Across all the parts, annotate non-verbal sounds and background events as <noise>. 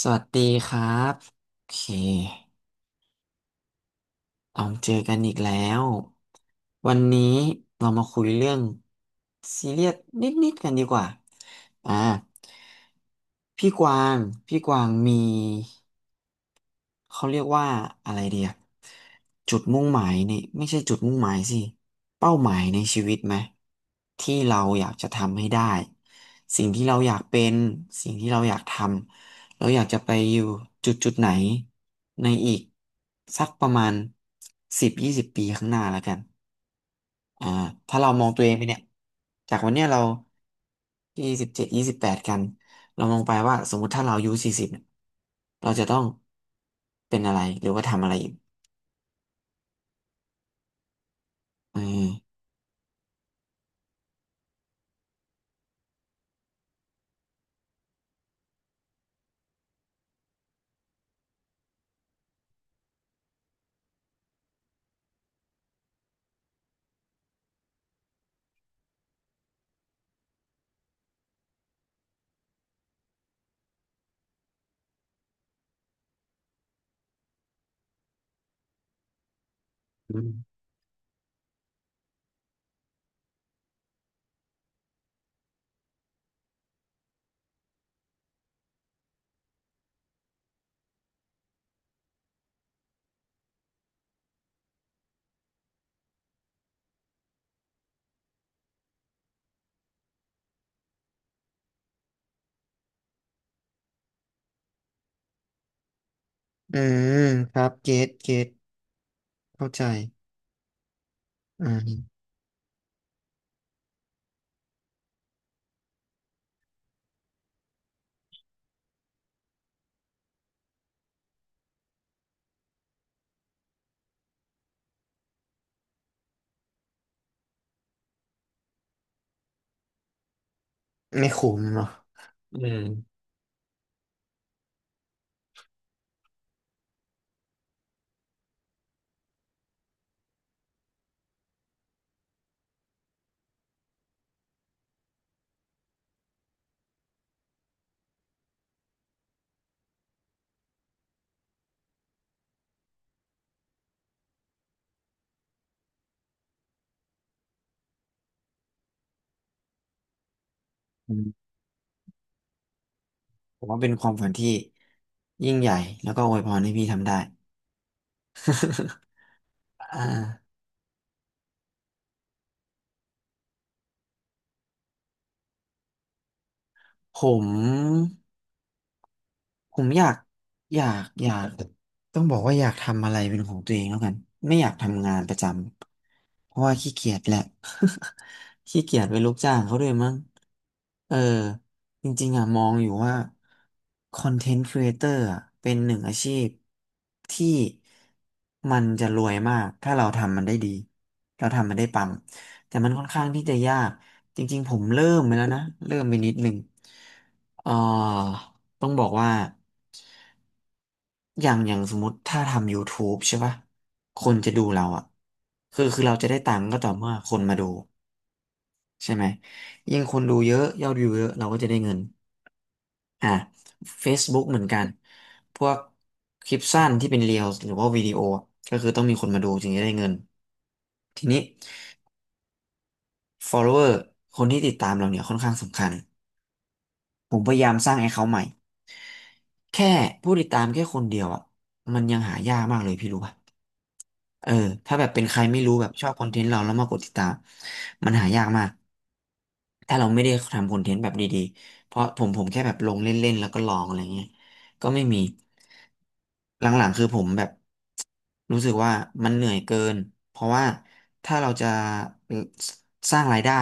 สวัสดีครับโอเคเราเจอกันอีกแล้ววันนี้เรามาคุยเรื่องซีเรียสนิดๆกันดีกว่าอ่าพี่กวางพี่กวางมี เขาเรียกว่าอะไรเดีอะจุดมุ่งหมายในไม่ใช่จุดมุ่งหมายสิเป้าหมายในชีวิตไหมที่เราอยากจะทำให้ได้สิ่งที่เราอยากเป็นสิ่งที่เราอยากทำเราอยากจะไปอยู่จุดจุดไหนในอีกสักประมาณ10-20 ปีข้างหน้าแล้วกัน อ่าถ้าเรามองตัวเองไปเนี่ยจากวันเนี้ยเรา27-28กันเรามองไปว่าสมมติถ้าเราอายุ40เนี่ยเราจะต้องเป็นอะไรหรือว่าทำอะไรอีกอออืมอืมครับเกตเข้าใจอืมไม่ขมเนาะอืมอืมผมว่าเป็นความฝันที่ยิ่งใหญ่แล้วก็อวยพรให้พี่ทำได้ <laughs> อ่าผม ผมอยากต้องบอกว่าอยากทำอะไรเป็นของตัวเองแล้วกันไม่อยากทำงานประจำเพราะว่าขี้เกียจแหละ <laughs> ขี้เกียจเป็นลูกจ้างเขาด้วยมั้งเออจริงๆอ่ะมองอยู่ว่าคอนเทนต์ครีเอเตอร์อะเป็นหนึ่งอาชีพที่มันจะรวยมากถ้าเราทำมันได้ดีเราทำมันได้ปังแต่มันค่อนข้างที่จะยากจริงๆผมเริ่มไปแล้วนะเริ่มไปนิดหนึ่งเอ่า ต้องบอกว่าอย่างอย่างสมมติถ้าทำ YouTube ใช่ป่ะคนจะดูเราอ่ะคือเราจะได้ตังค์ก็ต่อเมื่อคนมาดูใช่ไหมยิ่งคนดูเยอะยอดวิวเยอะเราก็จะได้เงินอ่ะ Facebook เหมือนกันพวกคลิปสั้นที่เป็นเรียลหรือว่าวิดีโออะก็คือต้องมีคนมาดูถึงจะได้เงินทีนี้ follower คนที่ติดตามเราเนี่ยค่อนข้างสำคัญผมพยายามสร้าง account ใหม่แค่ผู้ติดตามแค่คนเดียวอ่ะมันยังหายากมากเลยพี่รู้ป่ะ เออถ้าแบบเป็นใครไม่รู้แบบชอบคอนเทนต์เราแล้วมากดติดตามมันหายากมากถ้าเราไม่ได้ทำคอนเทนต์แบบดีๆเพราะผมแค่แบบลงเล่นๆแล้วก็ลองอะไรเงี้ยก็ไม่มีหลังๆคือผมแบบ รู้สึกว่ามันเหนื่อยเกิน เพราะว่าถ้าเราจะเอ่อสสร้างรายได้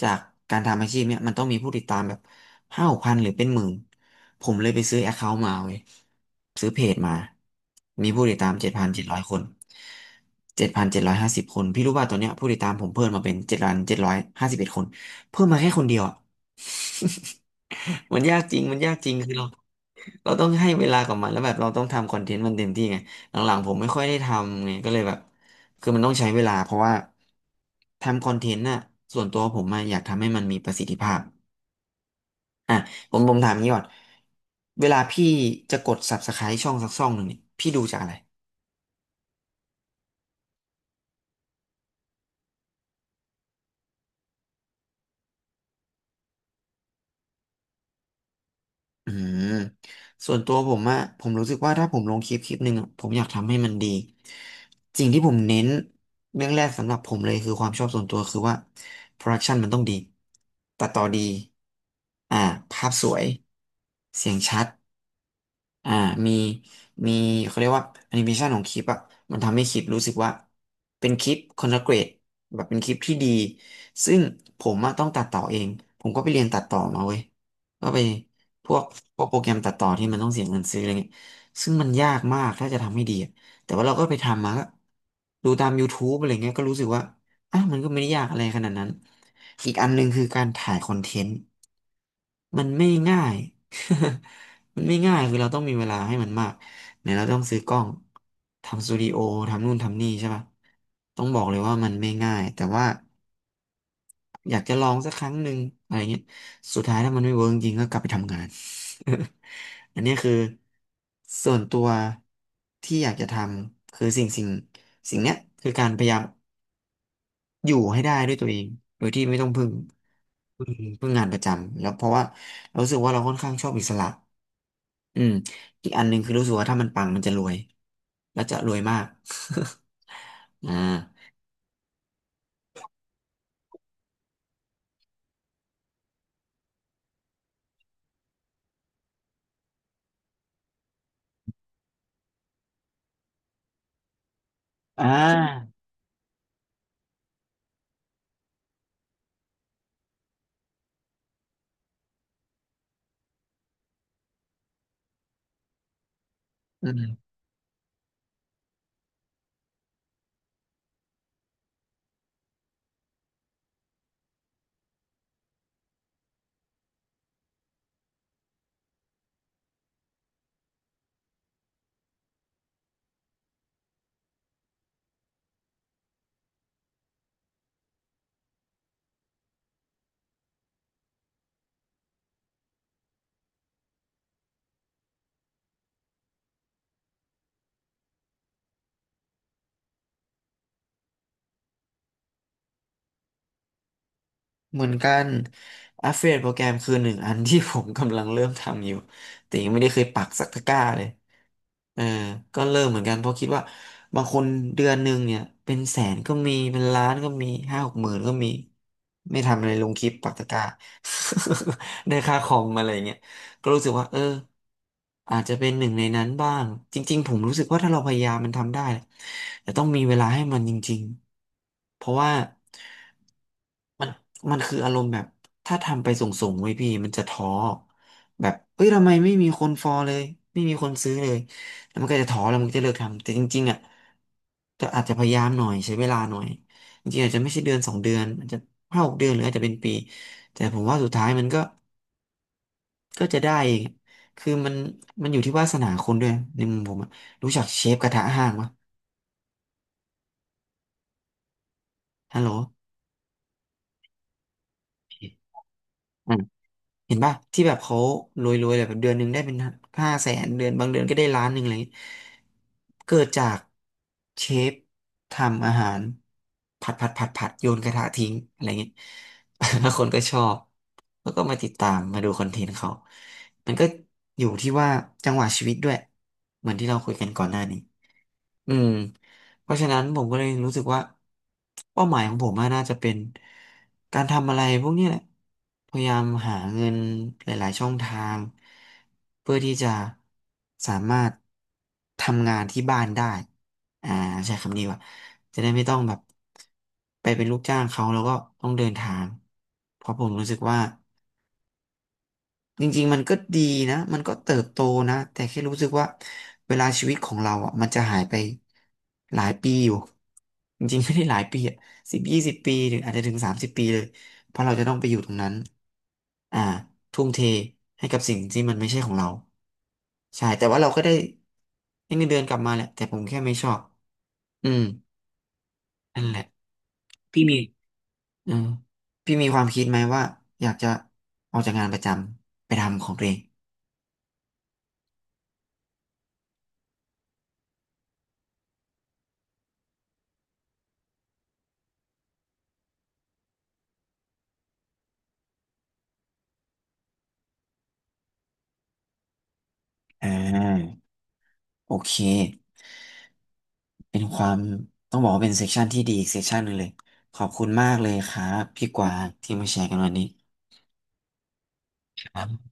จากการทำอาชีพเนี่ยมันต้องมีผู้ติดตามแบบ5-6 พันหรือเป็นหมื่น ผมเลยไปซื้อแอคเคาท์มาเว้ยซื้อเพจมา มีผู้ติดตาม7,700 คน7,750 คนพี่รู้ป่ะตอนเนี้ยผู้ติดตามผมเพิ่มมาเป็น7,751 คนเพิ่มมาแค่คนเดียวอะ <laughs> มันยากจริงมันยากจริงคือเรา เราต้องให้เวลากับมันแล้วแบบเราต้องทำคอนเทนต์มันเต็มที่ไงหลังๆผมไม่ค่อยได้ทำไงก็เลยแบบคือมันต้องใช้เวลาเพราะว่าทำคอนเทนต์น่ะส่วนตัวผมอะอยากทำให้มันมีประสิทธิภาพอ่ะผมถามงี้ก่อนเวลาพี่จะกด Subscribe ช่องสักช่องหนึ่งเนี่ยพี่ดูจากอะไร อืมส่วนตัวผมอะผมรู้สึกว่าถ้าผมลงคลิปคลิปหนึ่งอะผมอยากทำให้มันดีสิ่งที่ผมเน้นเรื่องแรกสำหรับผมเลยคือความชอบส่วนตัวคือว่าโปรดักชันมันต้องดีตัดต่อดีอ่าภาพสวยเสียงชัด อ่ามีมีเขาเรียกว่าแอนิเมชันของคลิปอ่ะมันทำให้คลิปรู้สึกว่าเป็นคลิปคอนละเกรดแบบเป็นคลิปที่ดีซึ่งผมอะต้องตัดต่อเองผมก็ไปเรียนตัดต่อมาเว้ยก็ไปพวกพวกโปรแกรมตัดต่อที่มันต้องเสียเงินซื้ออะไรเงี้ยซึ่งมันยากมากถ้าจะทำให้ดีอะแต่ว่าเราก็ไปทำมาก็ดูตาม YouTube อะไรเงี้ยก็รู้สึกว่าอ่ะมันก็ไม่ได้ยากอะไรขนาดนั้นอีกอันหนึ่งคือการถ่ายคอนเทนต์ มันไม่ง่าย <laughs> มันไม่ง่ายคือเราต้องมีเวลาให้มันมากเนี่ยเราต้องซื้อกล้องทำสตูดิโอทำนู่นทำนี่ใช่ป่ะต้องบอกเลยว่ามันไม่ง่าย แต่ว่าอยากจะลองสักครั้งหนึ่งอะไรเงี้ยสุดท้ายถ้ามันไม่เวิร์กจริงก็กลับไปทำงาน <laughs> อันเนี้ยคือส่วนตัวที่อยากจะทำคือสิ่งเนี้ยคือการพยายามอยู่ให้ได้ด้วยตัวเอง โดยที่ไม่ต้องพึ่งพึ่งงานประจำแล้วเพราะว่าเรารู้สึกว่าเราค่อนข้างชอบอิสระ อืมอีกอันหนึ่งคือรู้สึกว่าถ้ามันปังมันจะรวยแล้วจะรวยมาก <laughs> อ่าอ่าอืม เหมือนกัน Affiliate โปรแกรมคือหนึ่งอันที่ผมกำลังเริ่มทำอยู่แต่ยังไม่ได้เคยปักสักตะกร้าเลยเออก็เริ่มเหมือนกันเพราะคิดว่าบางคนเดือนหนึ่งเนี่ยเป็นแสนก็มีเป็นล้านก็มี50,000-60,000ก็มีไม่ทำอะไรลงคลิปปักตะกร้า <laughs> ได้ค่าคอมอะไรเงี้ยก็รู้สึกว่าเอออาจจะเป็นหนึ่งในนั้นบ้างจริงๆผมรู้สึกว่าถ้าเราพยายามมันทำได้แต่ต้องมีเวลาให้มันจริงๆเพราะว่า มันมันคืออารมณ์แบบถ้าทำไปส่งๆไว้พี่มันจะท้อแบบเอ้ยทำไมไม่มีคนฟอลเลยไม่มีคนซื้อเลยแล้วมันก็จะท้อแล้วมันก็จะเลิกทำแต่จริงๆอ่ะจะอาจจะพยายามหน่อยใช้เวลาหน่อยจริงๆอาจจะไม่ใช่เดือนสองเดือนอาจจะ5-6 เดือนหรืออาจจะเป็นปีแต่ผมว่าสุดท้ายมันก็จะได้เองคือมันอยู่ที่วาสนาคนด้วยในมุมผมอะรู้จักเชฟกระทะห้างปะฮัลโหล เห็นป่ะที่แบบเขารวยๆเลยแบบเดือนหนึ่งได้เป็น500,000เดือนบางเดือนก็ได้ล้านหนึ่งอะไรอย่างเลยเกิดจากเชฟทำอาหารผัดผัดผัดผัดโยนกระทะทิ้งอะไรเงี้ย <laughs> แล้วคนก็ชอบแล้วก็มาติดตามมาดูคอนเทนต์เขา มันก็อยู่ที่ว่าจังหวะชีวิตด้วยเหมือนที่เราคุยกันก่อนหน้านี้ อืมเพราะฉะนั้นผมก็เลยรู้สึกว่าเป้าหมายของผมอะน่าจะเป็นการทำอะไรพวกนี้แหละพยายามหาเงินหลายๆช่องทางเพื่อที่จะสามารถทำงานที่บ้านได้อ่าใช้คำนี้ว่าจะได้ไม่ต้องแบบไปเป็นลูกจ้างเขาแล้วก็ต้องเดินทางเพราะผมรู้สึกว่า จริงๆมันก็ดีนะมันก็เติบโตนะแต่แค่รู้สึกว่าเวลาชีวิตของเราอ่ะมันจะหายไปหลายปีอยู่จริงๆไม่ได้หลายปีอ่ะ10-20 ปีหรืออาจจะถึง30 ปีเลยเพราะเราจะต้องไปอยู่ตรงนั้นอ่าทุ่มเทให้กับสิ่งที่มันไม่ใช่ของเราใช่แต่ว่าเราก็ได้ให้เงินเดือนกลับมาแหละแต่ผมแค่ไม่ชอบอืมนั่นแหละพี่มีอืมพี่มีความคิดไหมว่าอยากจะออกจากงานประจำไปทำของตัวเองอ่า โอเค เป็นความต้องบอกว่าเป็นเซสชันที่ดีอีกเซสชันหนึ่งเลย ขอบคุณมากเลยครับพี่กวางที่มาแชร์กันวันนี้ครับ